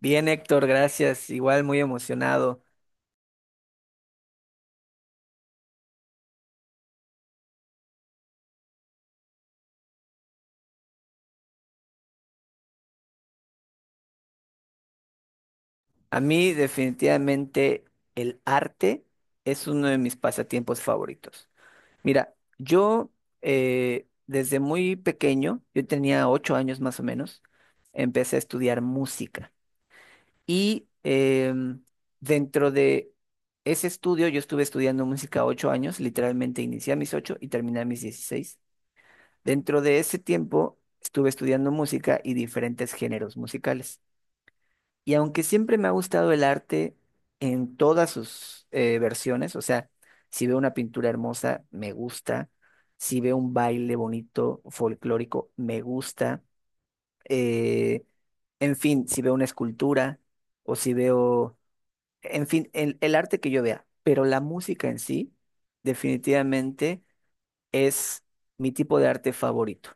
Bien, Héctor, gracias. Igual muy emocionado. A mí definitivamente el arte es uno de mis pasatiempos favoritos. Mira, yo desde muy pequeño, yo tenía 8 años más o menos, empecé a estudiar música. Y dentro de ese estudio, yo estuve estudiando música 8 años, literalmente inicié a mis 8 y terminé a mis 16. Dentro de ese tiempo, estuve estudiando música y diferentes géneros musicales. Y aunque siempre me ha gustado el arte en todas sus versiones, o sea, si veo una pintura hermosa, me gusta, si veo un baile bonito, folclórico, me gusta, eh, en fin, si veo una escultura o si veo, en fin, el arte que yo vea, pero la música en sí definitivamente es mi tipo de arte favorito.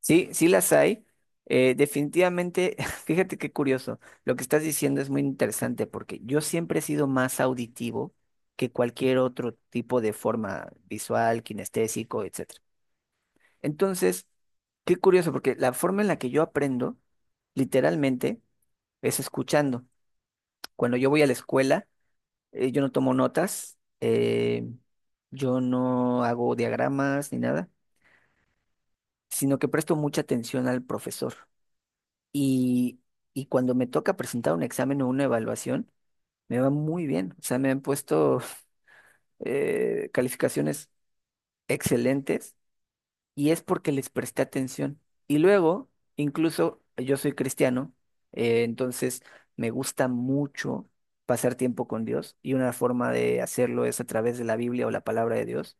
Sí, sí las hay. Definitivamente, fíjate qué curioso. Lo que estás diciendo es muy interesante porque yo siempre he sido más auditivo que cualquier otro tipo de forma visual, kinestésico, etcétera. Entonces, qué curioso porque la forma en la que yo aprendo, literalmente, es escuchando. Cuando yo voy a la escuela, yo no tomo notas, yo no hago diagramas ni nada, sino que presto mucha atención al profesor. Y, y cuando me toca presentar un examen o una evaluación, me va muy bien. O sea, me han puesto calificaciones excelentes y es porque les presté atención. Y luego, incluso yo soy cristiano, entonces me gusta mucho pasar tiempo con Dios y una forma de hacerlo es a través de la Biblia o la palabra de Dios.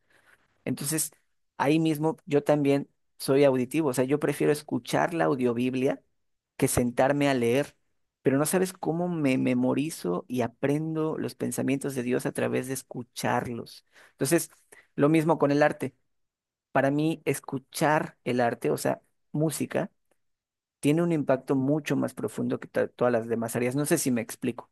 Entonces, ahí mismo yo también soy auditivo, o sea, yo prefiero escuchar la audiobiblia que sentarme a leer, pero no sabes cómo me memorizo y aprendo los pensamientos de Dios a través de escucharlos. Entonces, lo mismo con el arte. Para mí, escuchar el arte, o sea, música, tiene un impacto mucho más profundo que todas las demás áreas. No sé si me explico.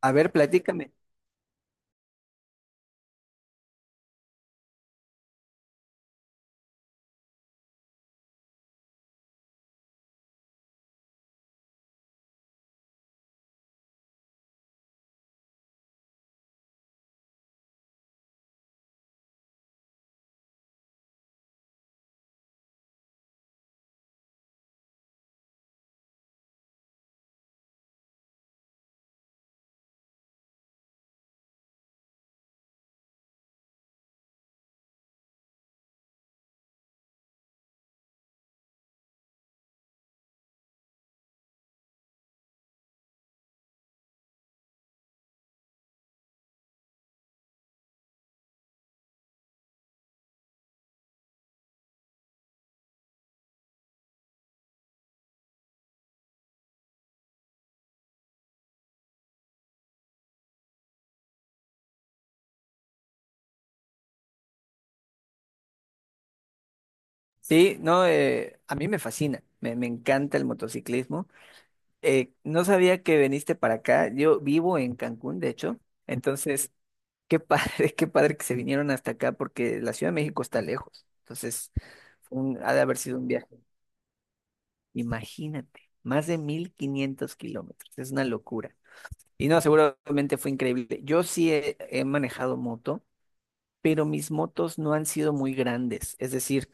A ver, platícame. Sí, no, a mí me fascina, me encanta el motociclismo. No sabía que veniste para acá. Yo vivo en Cancún, de hecho. Entonces, qué padre, qué padre que se vinieron hasta acá porque la Ciudad de México está lejos. Entonces, ha de haber sido un viaje. Imagínate, más de 1.500 kilómetros. Es una locura. Y no, seguramente fue increíble. Yo sí he manejado moto, pero mis motos no han sido muy grandes. Es decir,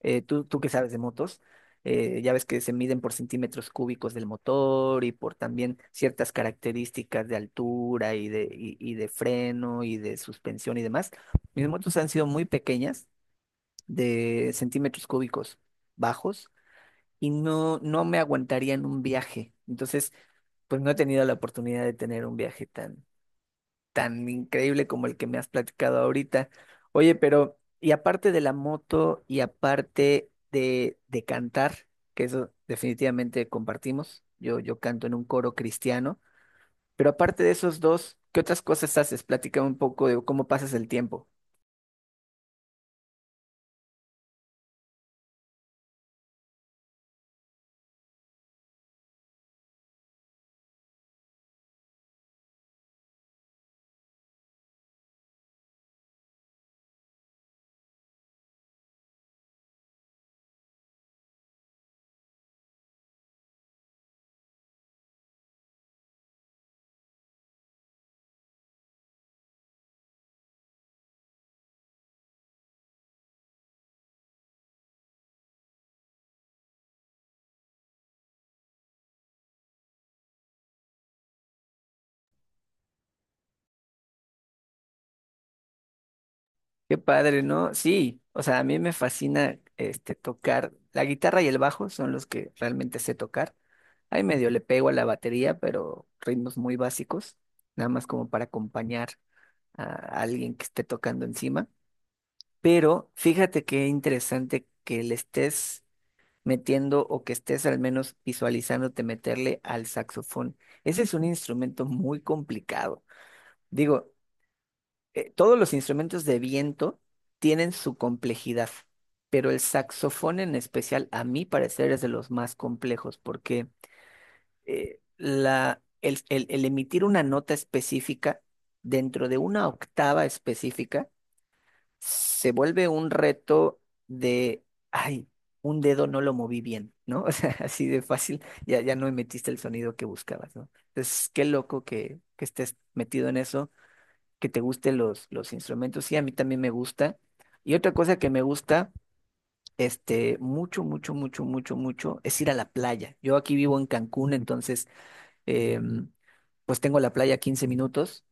tú que sabes de motos, ya ves que se miden por centímetros cúbicos del motor y por también ciertas características de altura y de freno y de suspensión y demás. Mis motos han sido muy pequeñas, de centímetros cúbicos bajos, y no, no me aguantarían un viaje. Entonces, pues no he tenido la oportunidad de tener un viaje tan, tan increíble como el que me has platicado ahorita. Oye, pero, y aparte de la moto y aparte de cantar, que eso definitivamente compartimos, yo canto en un coro cristiano, pero aparte de esos dos, ¿qué otras cosas haces? Platícame un poco de cómo pasas el tiempo. Qué padre, ¿no? Sí, o sea, a mí me fascina tocar. La guitarra y el bajo son los que realmente sé tocar. Ahí medio le pego a la batería, pero ritmos muy básicos, nada más como para acompañar a alguien que esté tocando encima. Pero fíjate qué interesante que le estés metiendo o que estés al menos visualizándote meterle al saxofón. Ese es un instrumento muy complicado. Digo, todos los instrumentos de viento tienen su complejidad, pero el saxofón en especial, a mi parecer, es de los más complejos porque el emitir una nota específica dentro de una octava específica, se vuelve un reto de, ay, un dedo no lo moví bien, ¿no? O sea, así de fácil, ya, ya no metiste el sonido que buscabas, ¿no? Entonces, qué loco que, estés metido en eso, que te gusten los instrumentos, sí, a mí también me gusta. Y otra cosa que me gusta, mucho, mucho, mucho, mucho, mucho, es ir a la playa. Yo aquí vivo en Cancún, entonces, em, pues tengo la playa a 15 minutos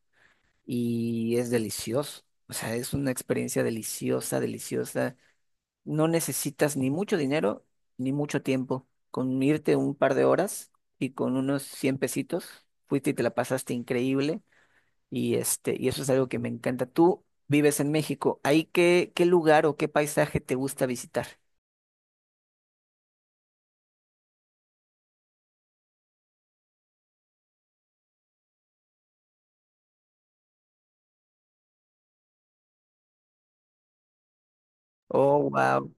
y es delicioso. O sea, es una experiencia deliciosa, deliciosa. No necesitas ni mucho dinero ni mucho tiempo. Con irte un par de horas y con unos 100 pesitos, fuiste y te la pasaste increíble. Y eso es algo que me encanta. Tú vives en México. ¿Ahí qué lugar o qué paisaje te gusta visitar? Oh, wow.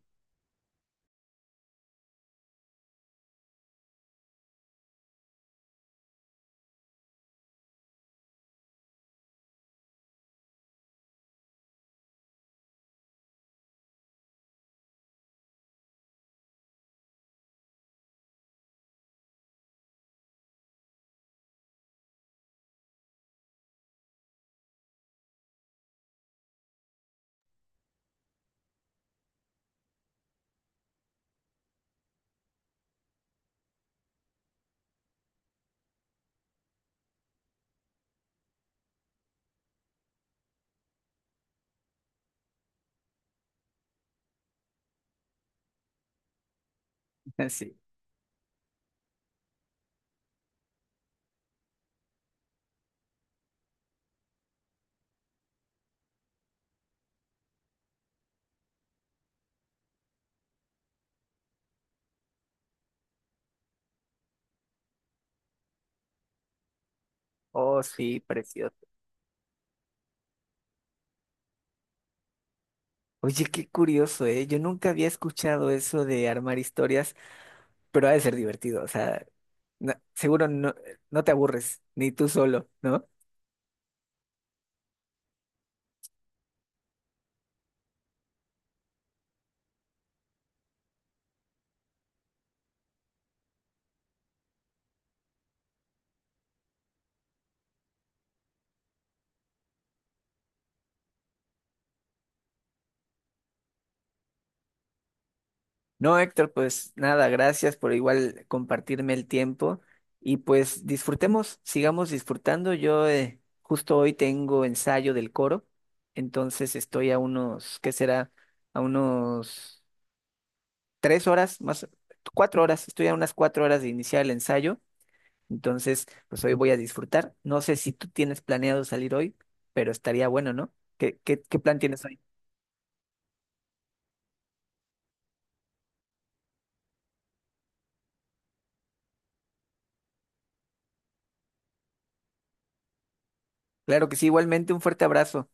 Sí. Oh, sí, precioso. Oye, qué curioso, ¿eh? Yo nunca había escuchado eso de armar historias, pero ha de ser divertido. O sea, seguro no, no te aburres, ni tú solo, no No, Héctor, pues nada, gracias por igual compartirme el tiempo y pues disfrutemos, sigamos disfrutando. Yo justo hoy tengo ensayo del coro, entonces estoy a unos, ¿qué será? A unos 3 horas, más 4 horas, estoy a unas 4 horas de iniciar el ensayo, entonces pues hoy voy a disfrutar. No sé si tú tienes planeado salir hoy, pero estaría bueno, ¿no? ¿Qué plan tienes hoy? Claro que sí, igualmente un fuerte abrazo.